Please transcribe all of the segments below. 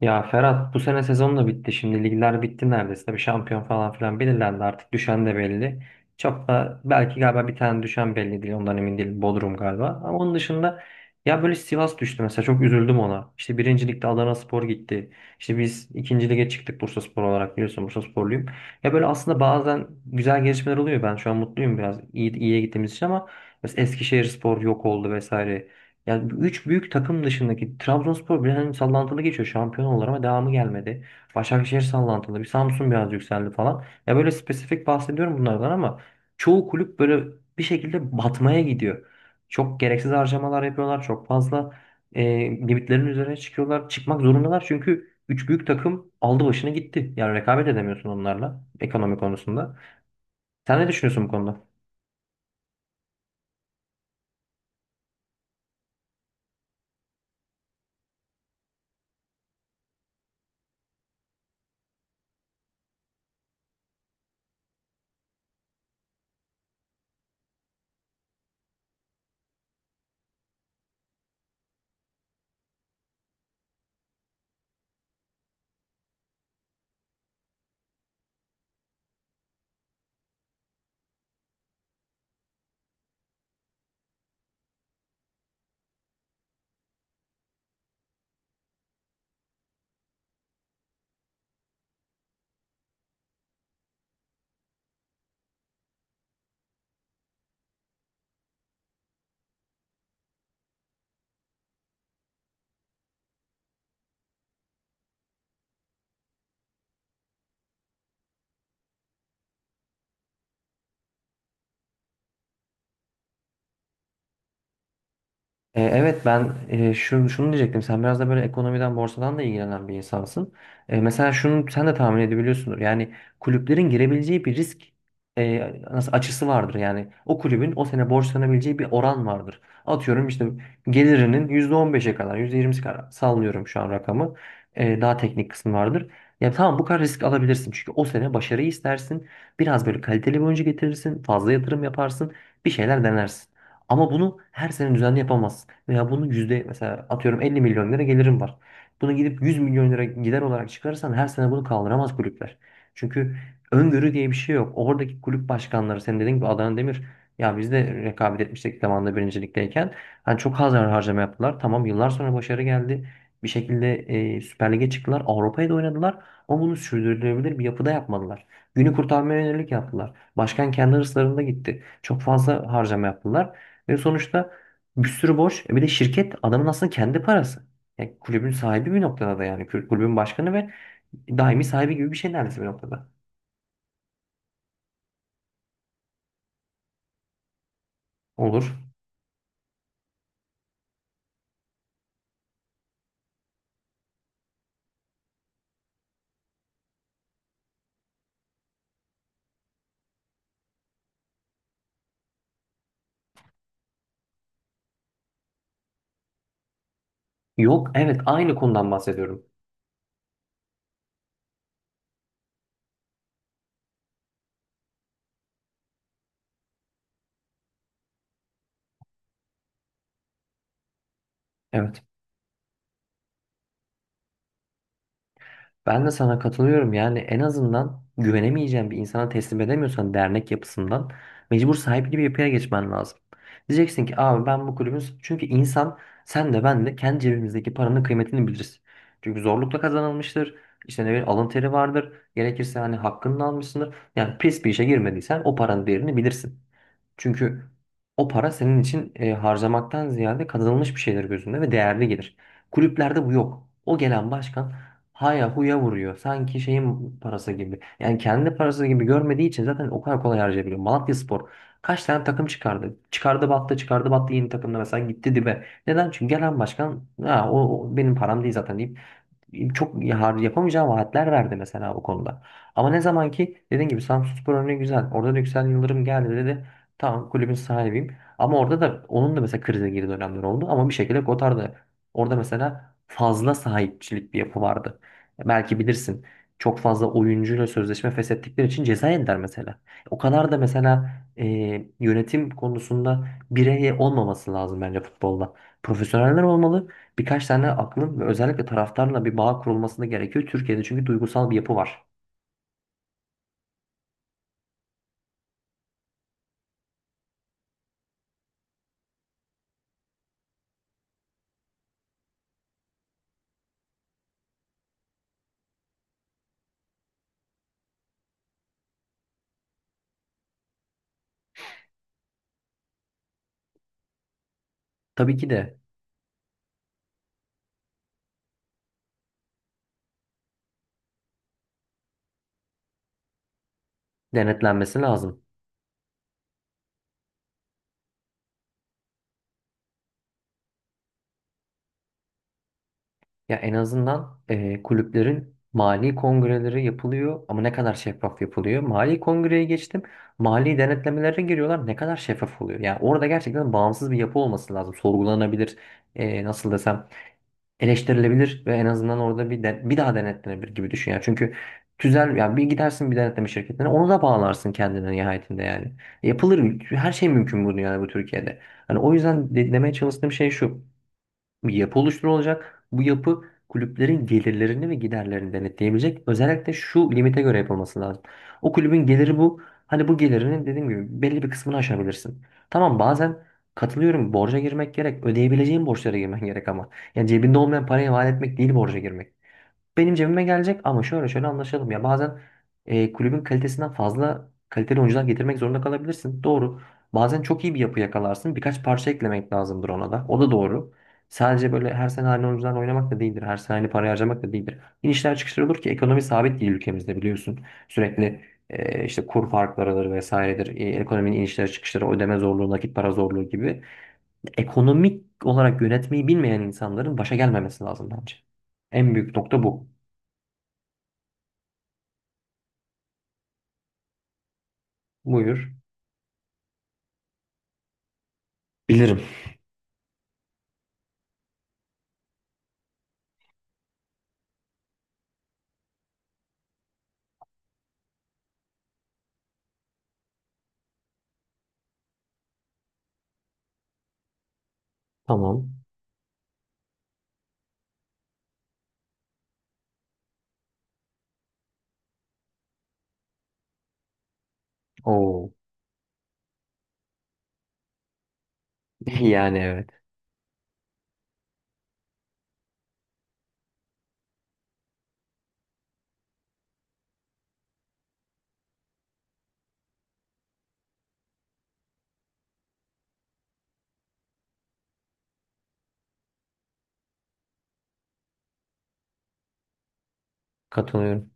Ya Ferhat bu sene sezon da bitti. Şimdi ligler bitti neredeyse. Bir şampiyon falan filan belirlendi artık. Düşen de belli. Çok da belki galiba bir tane düşen belli değil. Ondan emin değilim. Bodrum galiba. Ama onun dışında ya böyle Sivas düştü mesela. Çok üzüldüm ona. İşte birinci ligde Adanaspor gitti. İşte biz ikinci lige çıktık Bursaspor olarak biliyorsun. Bursasporluyum. Ya böyle aslında bazen güzel gelişmeler oluyor. Ben şu an mutluyum biraz. İyi, iyiye gittiğimiz için ama mesela Eskişehirspor yok oldu vesaire. Yani bu üç büyük takım dışındaki Trabzonspor biraz hani sallantılı geçiyor şampiyon olarak ama devamı gelmedi. Başakşehir sallantılı, bir Samsun biraz yükseldi falan. Ya böyle spesifik bahsediyorum bunlardan ama çoğu kulüp böyle bir şekilde batmaya gidiyor. Çok gereksiz harcamalar yapıyorlar, çok fazla e, limitlerin üzerine çıkıyorlar. Çıkmak zorundalar çünkü üç büyük takım aldı başını gitti. Yani rekabet edemiyorsun onlarla ekonomi konusunda. Sen ne düşünüyorsun bu konuda? Evet ben, şunu diyecektim. Sen biraz da böyle ekonomiden, borsadan da ilgilenen bir insansın. Mesela şunu sen de tahmin edebiliyorsundur. Yani kulüplerin girebileceği bir risk, e, nasıl açısı vardır. Yani o kulübün o sene borçlanabileceği bir oran vardır. Atıyorum işte gelirinin %15'e kadar, %20'si kadar sallıyorum şu an rakamı. Daha teknik kısmı vardır. Ya tamam bu kadar risk alabilirsin. Çünkü o sene başarıyı istersin. Biraz böyle kaliteli bir oyuncu getirirsin. Fazla yatırım yaparsın. Bir şeyler denersin. Ama bunu her sene düzenli yapamazsın. Veya bunu yüzde mesela atıyorum 50 milyon lira gelirim var. Bunu gidip 100 milyon lira gider olarak çıkarırsan her sene bunu kaldıramaz kulüpler. Çünkü öngörü diye bir şey yok. Oradaki kulüp başkanları senin dediğin gibi Adana Demir ya biz de rekabet etmiştik zamanında birincilikteyken. Hani çok az harcama yaptılar. Tamam yıllar sonra başarı geldi. Bir şekilde Süper Lig'e çıktılar. Avrupa'ya da oynadılar. Ama bunu sürdürülebilir bir yapıda yapmadılar. Günü kurtarmaya yönelik yaptılar. Başkan kendi hırslarında gitti. Çok fazla harcama yaptılar. Ve sonuçta bir sürü borç. Bir de şirket adamın aslında kendi parası. Yani kulübün sahibi bir noktada da yani. Kulübün başkanı ve daimi sahibi gibi bir şey neredeyse bir noktada. Olur. Yok, evet, aynı konudan bahsediyorum. Evet. Ben de sana katılıyorum. Yani en azından güvenemeyeceğin bir insana teslim edemiyorsan dernek yapısından mecbur sahipli bir yapıya geçmen lazım. Diyeceksin ki abi ben bu kulübün, çünkü insan, sen de ben de kendi cebimizdeki paranın kıymetini biliriz. Çünkü zorlukla kazanılmıştır. İşte ne bileyim alın teri vardır. Gerekirse hani hakkını da almışsındır. Yani pis bir işe girmediysen o paranın değerini bilirsin. Çünkü o para senin için, harcamaktan ziyade kazanılmış bir şeyler gözünde ve değerli gelir. Kulüplerde bu yok. O gelen başkan haya huya vuruyor. Sanki şeyin parası gibi. Yani kendi parası gibi görmediği için zaten o kadar kolay harcayabiliyor. Malatyaspor kaç tane takım çıkardı? Çıkardı battı, çıkardı battı, yeni takımda mesela gitti dibe. Neden? Çünkü gelen başkan, o benim param değil zaten deyip çok yapamayacağım vaatler verdi mesela bu konuda. Ama ne zaman ki dediğin gibi Samsunspor örneği güzel. Orada da Yüksel Yıldırım geldi dedi. Tamam, kulübün sahibiyim. Ama orada da onun da mesela krize girdiği dönemler oldu. Ama bir şekilde Kotar da orada mesela fazla sahipçilik bir yapı vardı. Belki bilirsin. Çok fazla oyuncuyla sözleşme feshettikleri için ceza yediler mesela. O kadar da mesela e, yönetim konusunda birey olmaması lazım bence futbolda. Profesyoneller olmalı, birkaç tane aklın, ve özellikle taraftarla bir bağ kurulmasını gerekiyor. Türkiye'de çünkü duygusal bir yapı var. Tabii ki de denetlenmesi lazım. Ya en azından kulüplerin mali kongreleri yapılıyor ama ne kadar şeffaf yapılıyor? Mali kongreye geçtim. Mali denetlemelere giriyorlar. Ne kadar şeffaf oluyor? Yani orada gerçekten bağımsız bir yapı olması lazım. Sorgulanabilir, nasıl desem, eleştirilebilir ve en azından orada bir daha denetlenebilir gibi düşün ya. Çünkü tüzel, ya bir gidersin bir denetleme şirketine onu da bağlarsın kendine nihayetinde yani. Yapılır, her şey mümkün bu dünyada, bu Türkiye'de. Hani o yüzden demeye çalıştığım şey şu: bir yapı oluşturulacak. Bu yapı kulüplerin gelirlerini ve giderlerini denetleyebilecek. Özellikle şu limite göre yapılması lazım. O kulübün geliri bu. Hani bu gelirinin dediğim gibi belli bir kısmını aşabilirsin. Tamam, bazen katılıyorum, borca girmek gerek. Ödeyebileceğin borçlara girmen gerek ama. Yani cebinde olmayan parayı vaat etmek değil, borca girmek, benim cebime gelecek ama şöyle şöyle anlaşalım ya, bazen kulübün kalitesinden fazla kaliteli oyuncular getirmek zorunda kalabilirsin. Doğru. Bazen çok iyi bir yapı yakalarsın. Birkaç parça eklemek lazımdır ona da. O da doğru. Sadece böyle her sene aynı oyuncularla oynamak da değildir. Her sene aynı parayı harcamak da değildir. İnişler çıkışlar olur ki ekonomi sabit değil ülkemizde, biliyorsun. Sürekli işte kur farklarıdır vesairedir. Ekonominin inişleri çıkışları, ödeme zorluğu, nakit para zorluğu gibi. Ekonomik olarak yönetmeyi bilmeyen insanların başa gelmemesi lazım bence. En büyük nokta bu. Buyur. Bilirim. Tamam. Oo. Yani evet. Katılıyorum.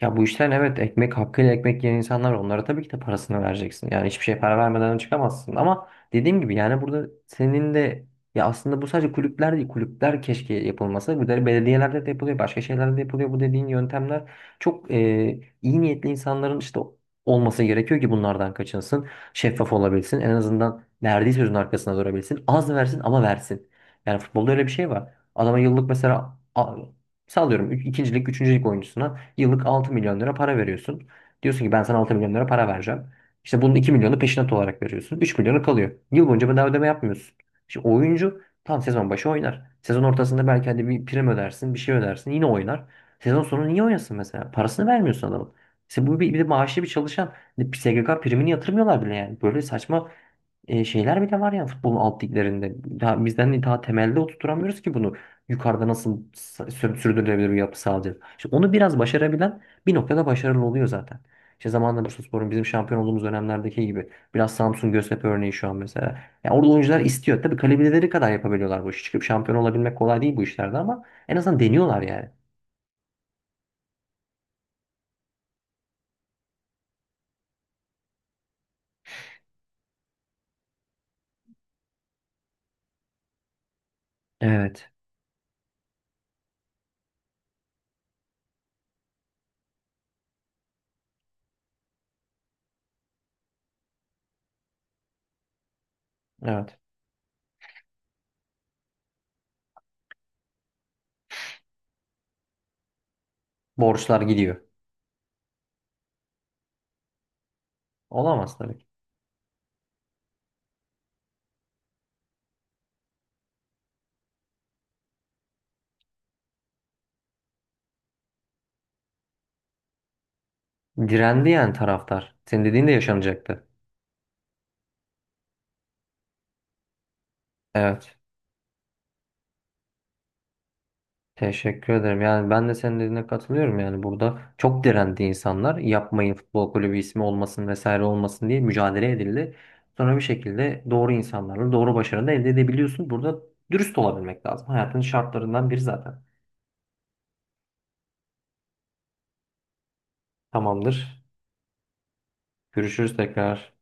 Ya bu işten evet ekmek hakkıyla ekmek yiyen insanlar var. Onlara tabii ki de parasını vereceksin. Yani hiçbir şey para vermeden çıkamazsın. Ama dediğim gibi yani burada senin de, ya aslında bu sadece kulüpler değil. Kulüpler keşke yapılmasa. Bu da belediyelerde de yapılıyor. Başka şeylerde de yapılıyor. Bu dediğin yöntemler çok, iyi niyetli insanların işte olması gerekiyor ki bunlardan kaçınsın. Şeffaf olabilsin. En azından verdiği sözün arkasına durabilsin. Az versin ama versin. Yani futbolda öyle bir şey var. Adama yıllık mesela, sallıyorum, üç, ikincilik, üçüncülük oyuncusuna yıllık 6 milyon lira para veriyorsun. Diyorsun ki ben sana 6 milyon lira para vereceğim. İşte bunun 2 milyonu peşinat olarak veriyorsun. 3 milyonu kalıyor. Yıl boyunca bedava ödeme yapmıyorsun. Şimdi oyuncu tam sezon başı oynar. Sezon ortasında belki hadi bir prim ödersin, bir şey ödersin, yine oynar. Sezon sonu niye oynasın mesela? Parasını vermiyorsun adamın. İşte bu bir, bir de maaşlı bir çalışan. Bir SGK primini yatırmıyorlar bile yani. Böyle saçma şeyler bile var ya futbolun alt liglerinde. Daha, bizden daha temelde oturtamıyoruz ki bunu. Yukarıda nasıl sürdürülebilir bir yapı sağlayacağız? İşte onu biraz başarabilen bir noktada başarılı oluyor zaten. İşte zamanında Bursaspor'un bizim şampiyon olduğumuz dönemlerdeki gibi. Biraz Samsun Göztepe örneği şu an mesela. Yani orada oyuncular istiyor. Tabii kalibreleri kadar yapabiliyorlar bu işi. Çıkıp şampiyon olabilmek kolay değil bu işlerde ama en azından deniyorlar yani. Evet. Evet. Borçlar gidiyor. Olamaz tabii ki. Direndi yani taraftar. Senin dediğin de yaşanacaktı. Evet. Teşekkür ederim. Yani ben de senin dediğine katılıyorum. Yani burada çok direndi insanlar. Yapmayın, futbol kulübü ismi olmasın vesaire olmasın diye mücadele edildi. Sonra bir şekilde doğru insanlarla doğru başarını da elde edebiliyorsun. Burada dürüst olabilmek lazım. Hayatın şartlarından biri zaten. Tamamdır. Görüşürüz tekrar.